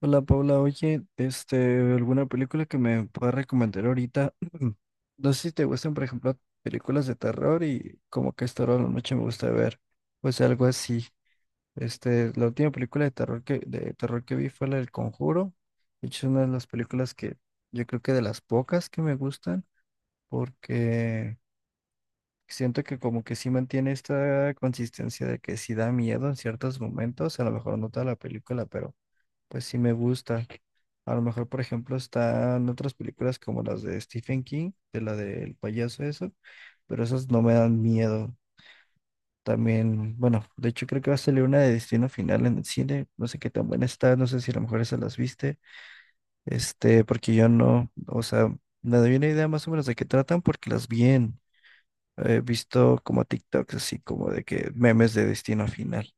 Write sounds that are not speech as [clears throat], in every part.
Hola Paula, oye, ¿alguna película que me pueda recomendar ahorita? [clears throat] No sé si te gustan, por ejemplo, películas de terror y como que esta hora de la noche me gusta ver, pues algo así. La última película de terror que vi fue la del Conjuro. De hecho, es una de las películas que yo creo que de las pocas que me gustan, porque siento que como que sí mantiene esta consistencia de que sí da miedo en ciertos momentos, a lo mejor no toda la película, pero pues sí me gusta. A lo mejor, por ejemplo, están otras películas como las de Stephen King, de la del payaso, eso, pero esas no me dan miedo. También, bueno, de hecho creo que va a salir una de Destino Final en el cine, no sé qué tan buena está, no sé si a lo mejor esas las viste, porque yo no, o sea, me doy una idea más o menos de qué tratan porque he visto como TikToks así como de que memes de Destino Final.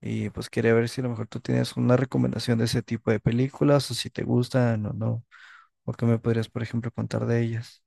Y pues quería ver si a lo mejor tú tienes una recomendación de ese tipo de películas o si te gustan o no, o qué me podrías, por ejemplo, contar de ellas.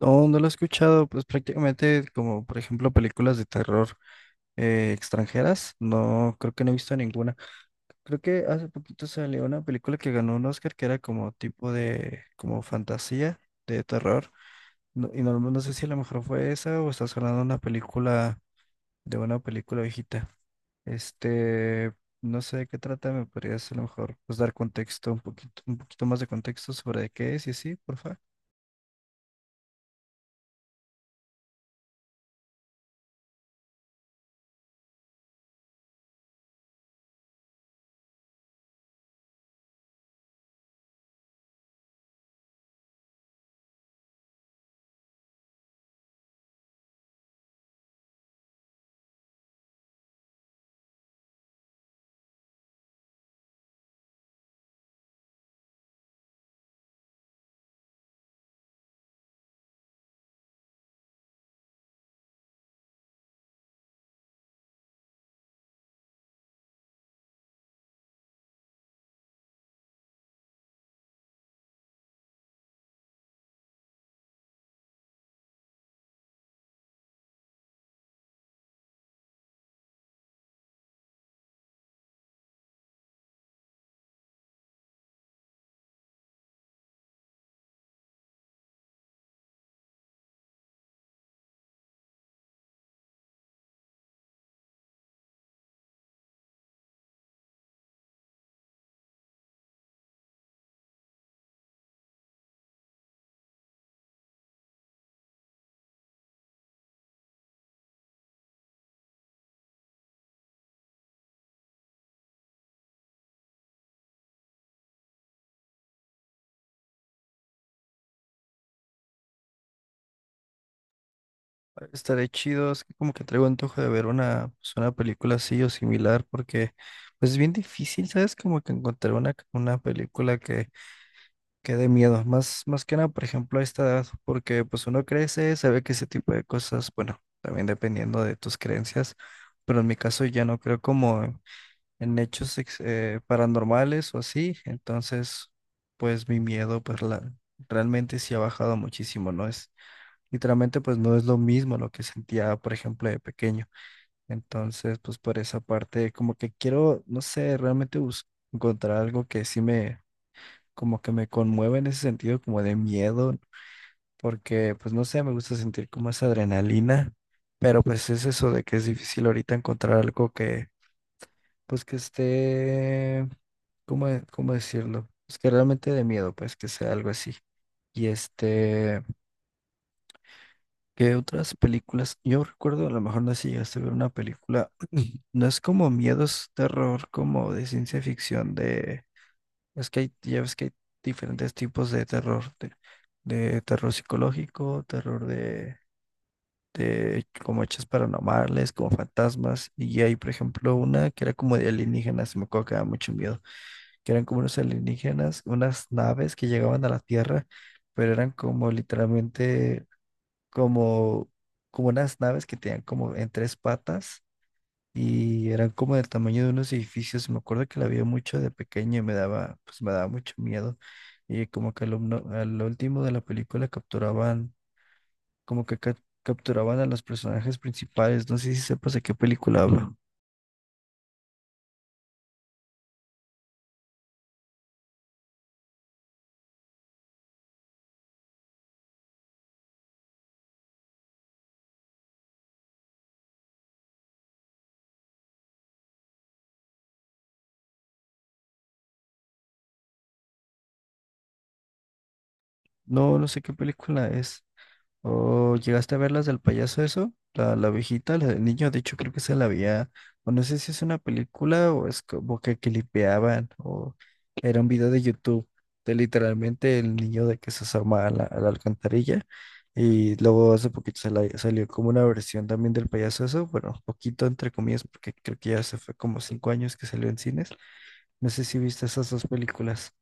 No, no lo he escuchado, pues prácticamente como, por ejemplo, películas de terror extranjeras, no, creo que no he visto ninguna. Creo que hace poquito salió una película que ganó un Oscar que era como tipo de, como fantasía, de terror. Y no, no sé si a lo mejor fue esa o estás hablando de una película viejita. Este, no sé de qué trata, me podrías a lo mejor pues, dar contexto, un poquito más de contexto sobre de qué es y así, porfa. Estaré chido, es que como que traigo antojo de ver una, pues, una película así o similar, porque pues es bien difícil, ¿sabes? Como que encontrar una película que dé miedo, más que nada, por ejemplo, a esta edad, porque pues uno crece, sabe que ese tipo de cosas, bueno, también dependiendo de tus creencias, pero en mi caso ya no creo como en hechos paranormales o así, entonces pues mi miedo pues realmente sí ha bajado muchísimo, ¿no? Es literalmente pues no es lo mismo lo que sentía, por ejemplo, de pequeño. Entonces pues por esa parte como que quiero, no sé, realmente encontrar algo que sí como que me conmueve en ese sentido como de miedo, porque pues no sé, me gusta sentir como esa adrenalina. Pero pues es eso de que es difícil ahorita encontrar algo que, pues que esté, ¿cómo, cómo decirlo? Es que realmente de miedo, pues que sea algo así. Y ¿qué otras películas? Yo recuerdo, a lo mejor no sé si llegaste a ver una película, [clears throat] no es como miedos, terror, como de ciencia ficción, de, es que hay, ya ves que hay diferentes tipos de terror, de terror psicológico, terror de como hechos paranormales, como fantasmas, y hay, por ejemplo, una que era como de alienígenas, me acuerdo que daba mucho miedo, que eran como unos alienígenas, unas naves que llegaban a la Tierra, pero eran como literalmente como, como unas naves que tenían como en tres patas y eran como del tamaño de unos edificios. Me acuerdo que la vi mucho de pequeño y me daba, pues me daba mucho miedo. Y como que al último de la película capturaban, como que capturaban a los personajes principales. No sé si sepas de qué película hablo. No, no sé qué película es. ¿O llegaste a ver las del payaso eso? La viejita, la del niño, de hecho creo que se la había, o no sé si es una película o es como que clipeaban, o era un video de YouTube de literalmente el niño de que se asoma a la alcantarilla y luego hace poquito salió como una versión también del payaso eso, bueno, poquito entre comillas porque creo que ya se fue como 5 años que salió en cines, no sé si viste esas dos películas.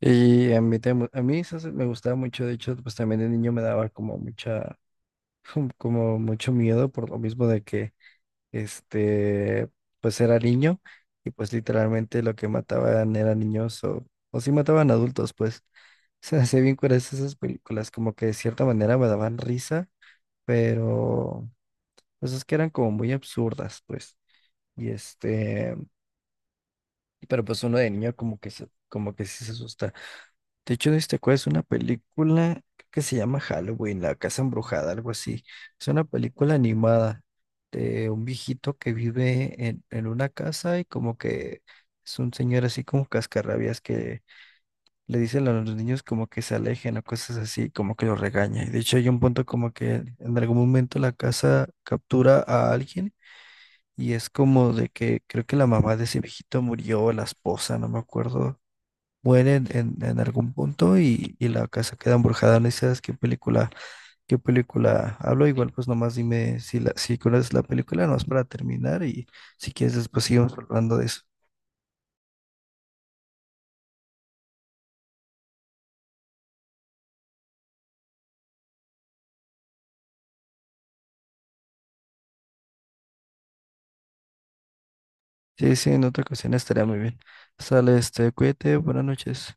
Y a mí esas me gustaba mucho, de hecho, pues también de niño me daba como mucha [laughs] como mucho miedo por lo mismo de que este pues era niño y pues literalmente lo que mataban eran niños o sí mataban adultos pues [laughs] se hacía bien curiosas esas películas como que de cierta manera me daban risa pero pues es que eran como muy absurdas pues y pero pues uno de niño como que como que sí se asusta. De hecho, te acuerdas, una película que se llama Halloween, La Casa Embrujada, algo así. Es una película animada de un viejito que vive en una casa y como que es un señor así como cascarrabias que le dice a los niños como que se alejen o cosas así, como que los regaña. Y de hecho, hay un punto como que en algún momento la casa captura a alguien y es como de que creo que la mamá de ese viejito murió, la esposa, no me acuerdo muere en algún punto y la casa queda embrujada. No sé si qué película, qué película hablo. Igual pues nomás dime si conoces la película, nomás para terminar y si quieres después seguimos hablando de eso. Sí, sí, en otra ocasión estaría muy bien. Sale, cuídate, buenas noches.